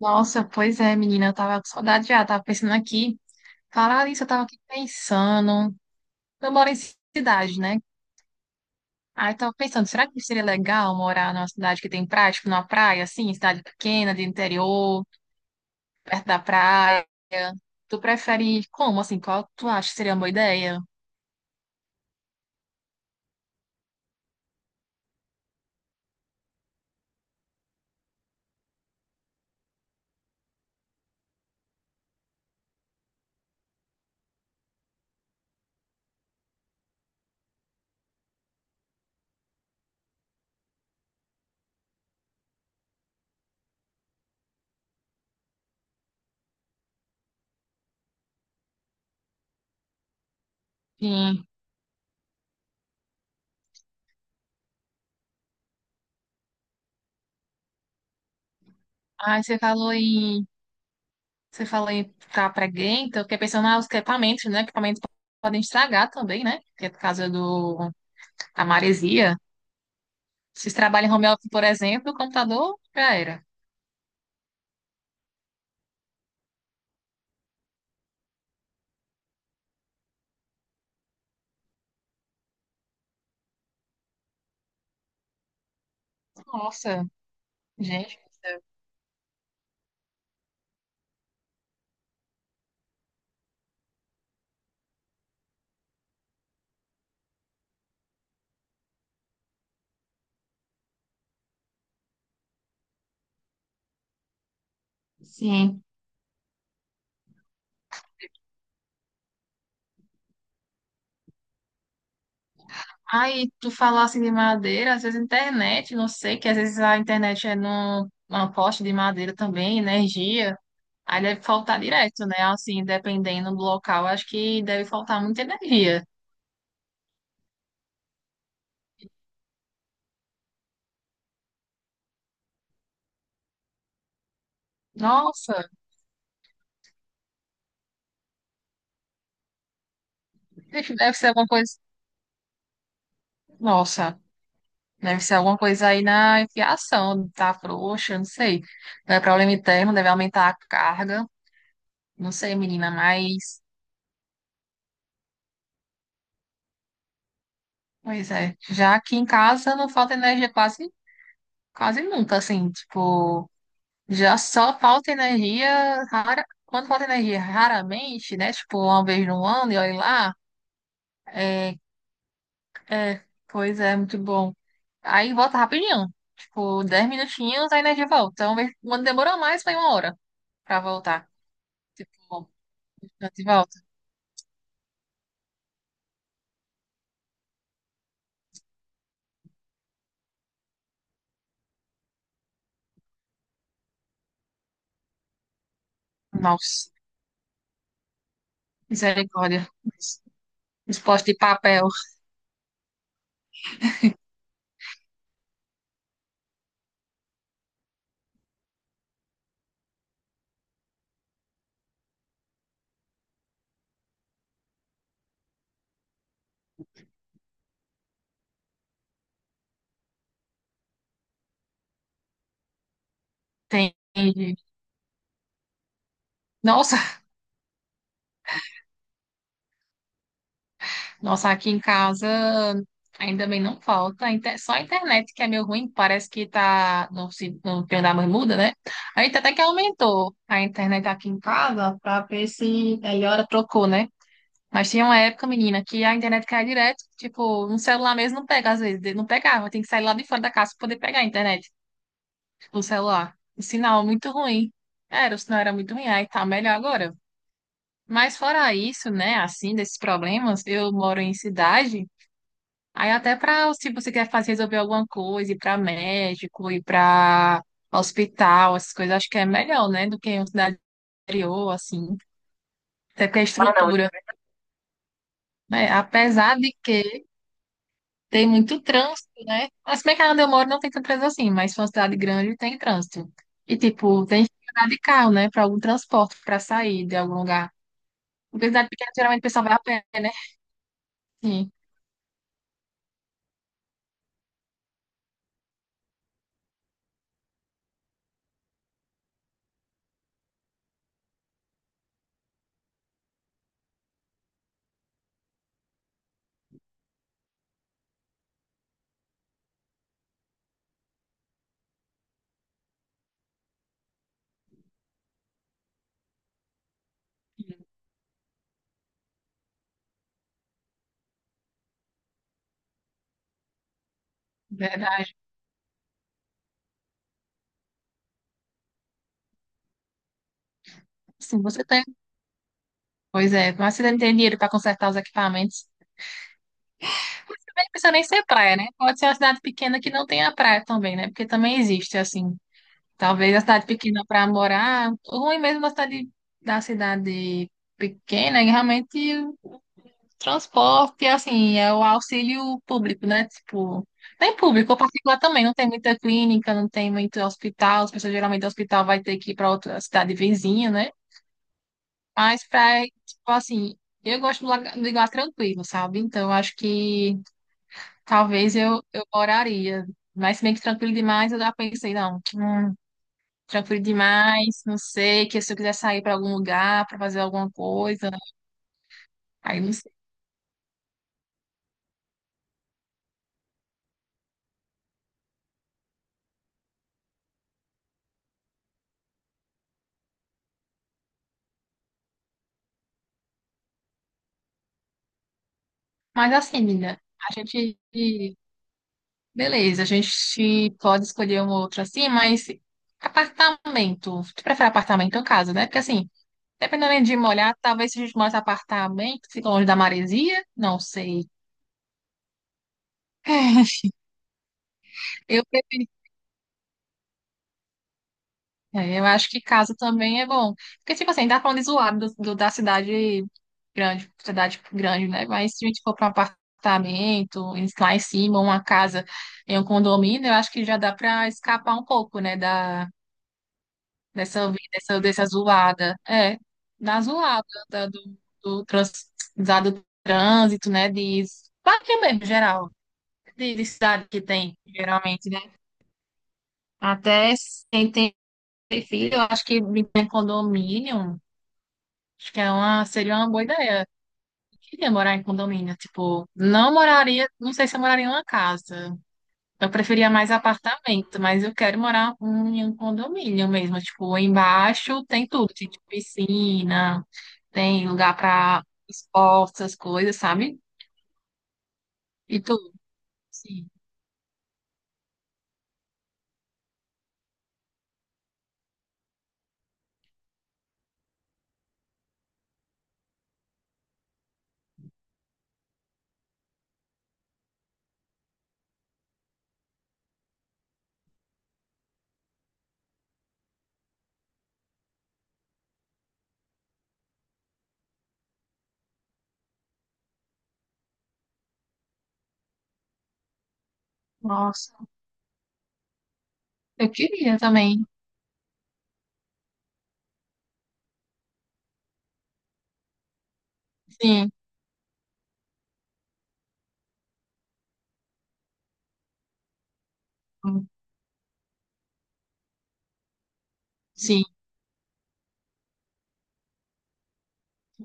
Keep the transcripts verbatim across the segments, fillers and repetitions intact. Nossa, pois é, menina, eu tava com saudade já, tava pensando aqui. Falar isso, eu tava aqui pensando. Eu moro em cidade, né? Aí eu tava pensando, será que seria legal morar numa cidade que tem praia, tipo numa praia, assim, cidade pequena, de interior, perto da praia? Tu prefere como, assim, qual tu acha que seria uma boa ideia? Sim. Aí você falou em, você falou em ficar preguenta, eu fiquei pensando nos equipamentos, né? Equipamentos podem estragar também, né? Que é por causa do, da maresia. Se trabalha em home office, por exemplo, o computador já era. Nossa, gente do céu. Sim. Aí, tu falou assim de madeira, às vezes internet, não sei, que às vezes a internet é num, numa poste de madeira também, energia. Aí deve faltar direto, né? Assim, dependendo do local, acho que deve faltar muita energia. Nossa, deve deve ser alguma coisa. Nossa, deve ser alguma coisa aí na fiação, tá frouxa, não sei. Não é problema interno, deve aumentar a carga. Não sei, menina, mas. Pois é. Já aqui em casa não falta energia quase, quase nunca, assim, tipo, já só falta energia rara, quando falta energia raramente, né? Tipo, uma vez no ano e olha lá. É, é, pois é, muito bom. Aí volta rapidinho. Tipo, dez minutinhos a energia volta. então vez- Quando demora mais, foi uma hora pra voltar. Tipo, já te volta. Nossa, misericórdia. Esporte de papel. Tem. Nossa. Nossa, aqui em casa ainda bem não falta. A inter- Só a internet que é meio ruim, parece que tá no, se- no pior da bermuda, né? A gente até que aumentou a internet aqui em casa pra ver se melhora, trocou, né? Mas tinha uma época, menina, que a internet caía direto, tipo, um celular mesmo não pega, às vezes, não pegava, tem que sair lá de fora da casa pra poder pegar a internet, o celular. O sinal muito ruim. Era, o sinal era muito ruim, aí tá melhor agora. Mas fora isso, né, assim, desses problemas, eu moro em cidade. Aí até para se você quer fazer resolver alguma coisa, ir para médico, ir para hospital, essas coisas, acho que é melhor, né, do que em uma cidade interior, assim. Até porque a Ah, não. estrutura, né? Apesar de que tem muito trânsito, né? Mas como é que onde eu moro não tem tanto trânsito assim, mas se for uma cidade grande tem trânsito. E tipo, tem que andar de carro, né, para algum transporte, para sair de algum lugar. Porque cidade pequena, geralmente o pessoal vai a pé, né? Sim, verdade. Sim, você tem. Pois é, mas você não tem dinheiro para consertar os equipamentos. Nem precisa nem ser praia, né? Pode ser uma cidade pequena que não tenha praia também, né? Porque também existe, assim. Talvez a cidade pequena para morar, ruim mesmo a cidade, da cidade pequena, é realmente o transporte, assim, é o auxílio público, né? Tipo, tem público, ou particular também, não tem muita clínica, não tem muito hospital, as pessoas geralmente do hospital vai ter que ir para outra cidade vizinha, né? Mas pra, tipo assim, eu gosto do lugar, do lugar tranquilo, sabe? Então, eu acho que talvez eu, eu moraria. Mas se bem que tranquilo demais, eu já pensei, não, hum, tranquilo demais, não sei, que se eu quiser sair para algum lugar, para fazer alguma coisa, aí não sei. Mas assim, menina, a gente, beleza, a gente pode escolher uma outra assim, mas apartamento, tu prefere apartamento ou casa, né? Porque assim, dependendo de molhar, talvez se a gente morasse em apartamento, fica longe da maresia, não sei. Eu prefiro é, eu acho que casa também é bom. Porque, tipo assim, dá pra onde zoar do, do- da cidade grande, cidade grande, né? Mas se a gente for pra um apartamento, em- lá em cima, uma casa em um condomínio, eu acho que já dá pra escapar um pouco, né? Da, dessa, vi- dessa, dessa zoada. É, da zoada, da- do, do, trans, da- do trânsito, né? De parque mesmo, geral. De, de cidade que tem, geralmente, né? Até sem ter filho, eu acho que em condomínio. Acho que é uma, seria uma boa ideia. Eu queria morar em condomínio, tipo, não moraria, não sei se eu moraria em uma casa. Eu preferia mais apartamento, mas eu quero morar um- em um condomínio mesmo. Tipo, embaixo tem tudo, tem tipo, piscina, tem lugar para esportes, essas coisas, sabe? E tudo, sim. Nossa, eu queria também. Sim, sim.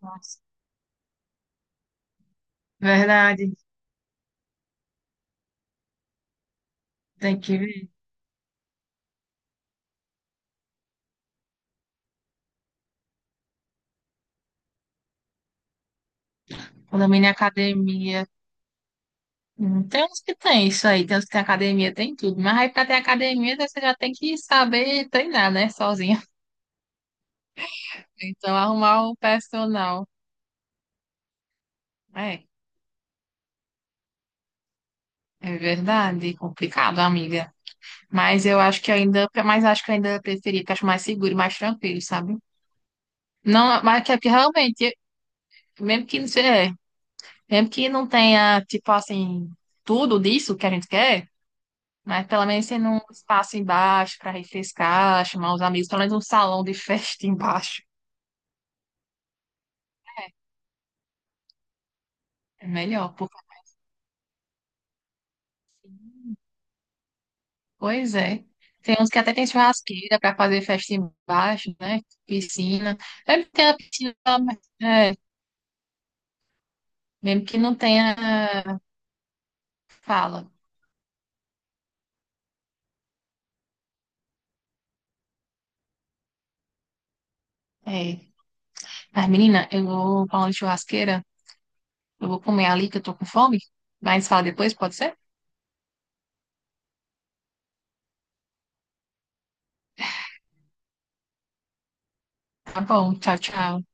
Nossa, verdade. Tem que ver. Condomínio e academia. Hum, Tem uns que tem isso aí, tem uns que tem academia, tem tudo. Mas aí pra ter academia, você já tem que saber treinar, né? Sozinho. Então, arrumar o personal. É, é verdade, complicado, amiga. Mas eu acho que ainda, mas acho que eu ainda preferia, porque acho mais seguro, e mais tranquilo, sabe? Não, mas que é que realmente, mesmo que não seja, mesmo que não tenha, tipo assim, tudo disso que a gente quer, mas pelo menos tem um espaço embaixo para refrescar, chamar os amigos, pelo menos um salão de festa embaixo. É melhor, porque assim, pois é. Tem uns que até tem churrasqueira para fazer festa embaixo, né? Piscina. Mesmo que tenha piscina, mas, é, mesmo que não tenha fala. É. Mas, menina, eu vou falando de churrasqueira, eu vou comer ali que eu tô com fome. Mas fala depois, pode ser? Tá bom, tchau, tchau.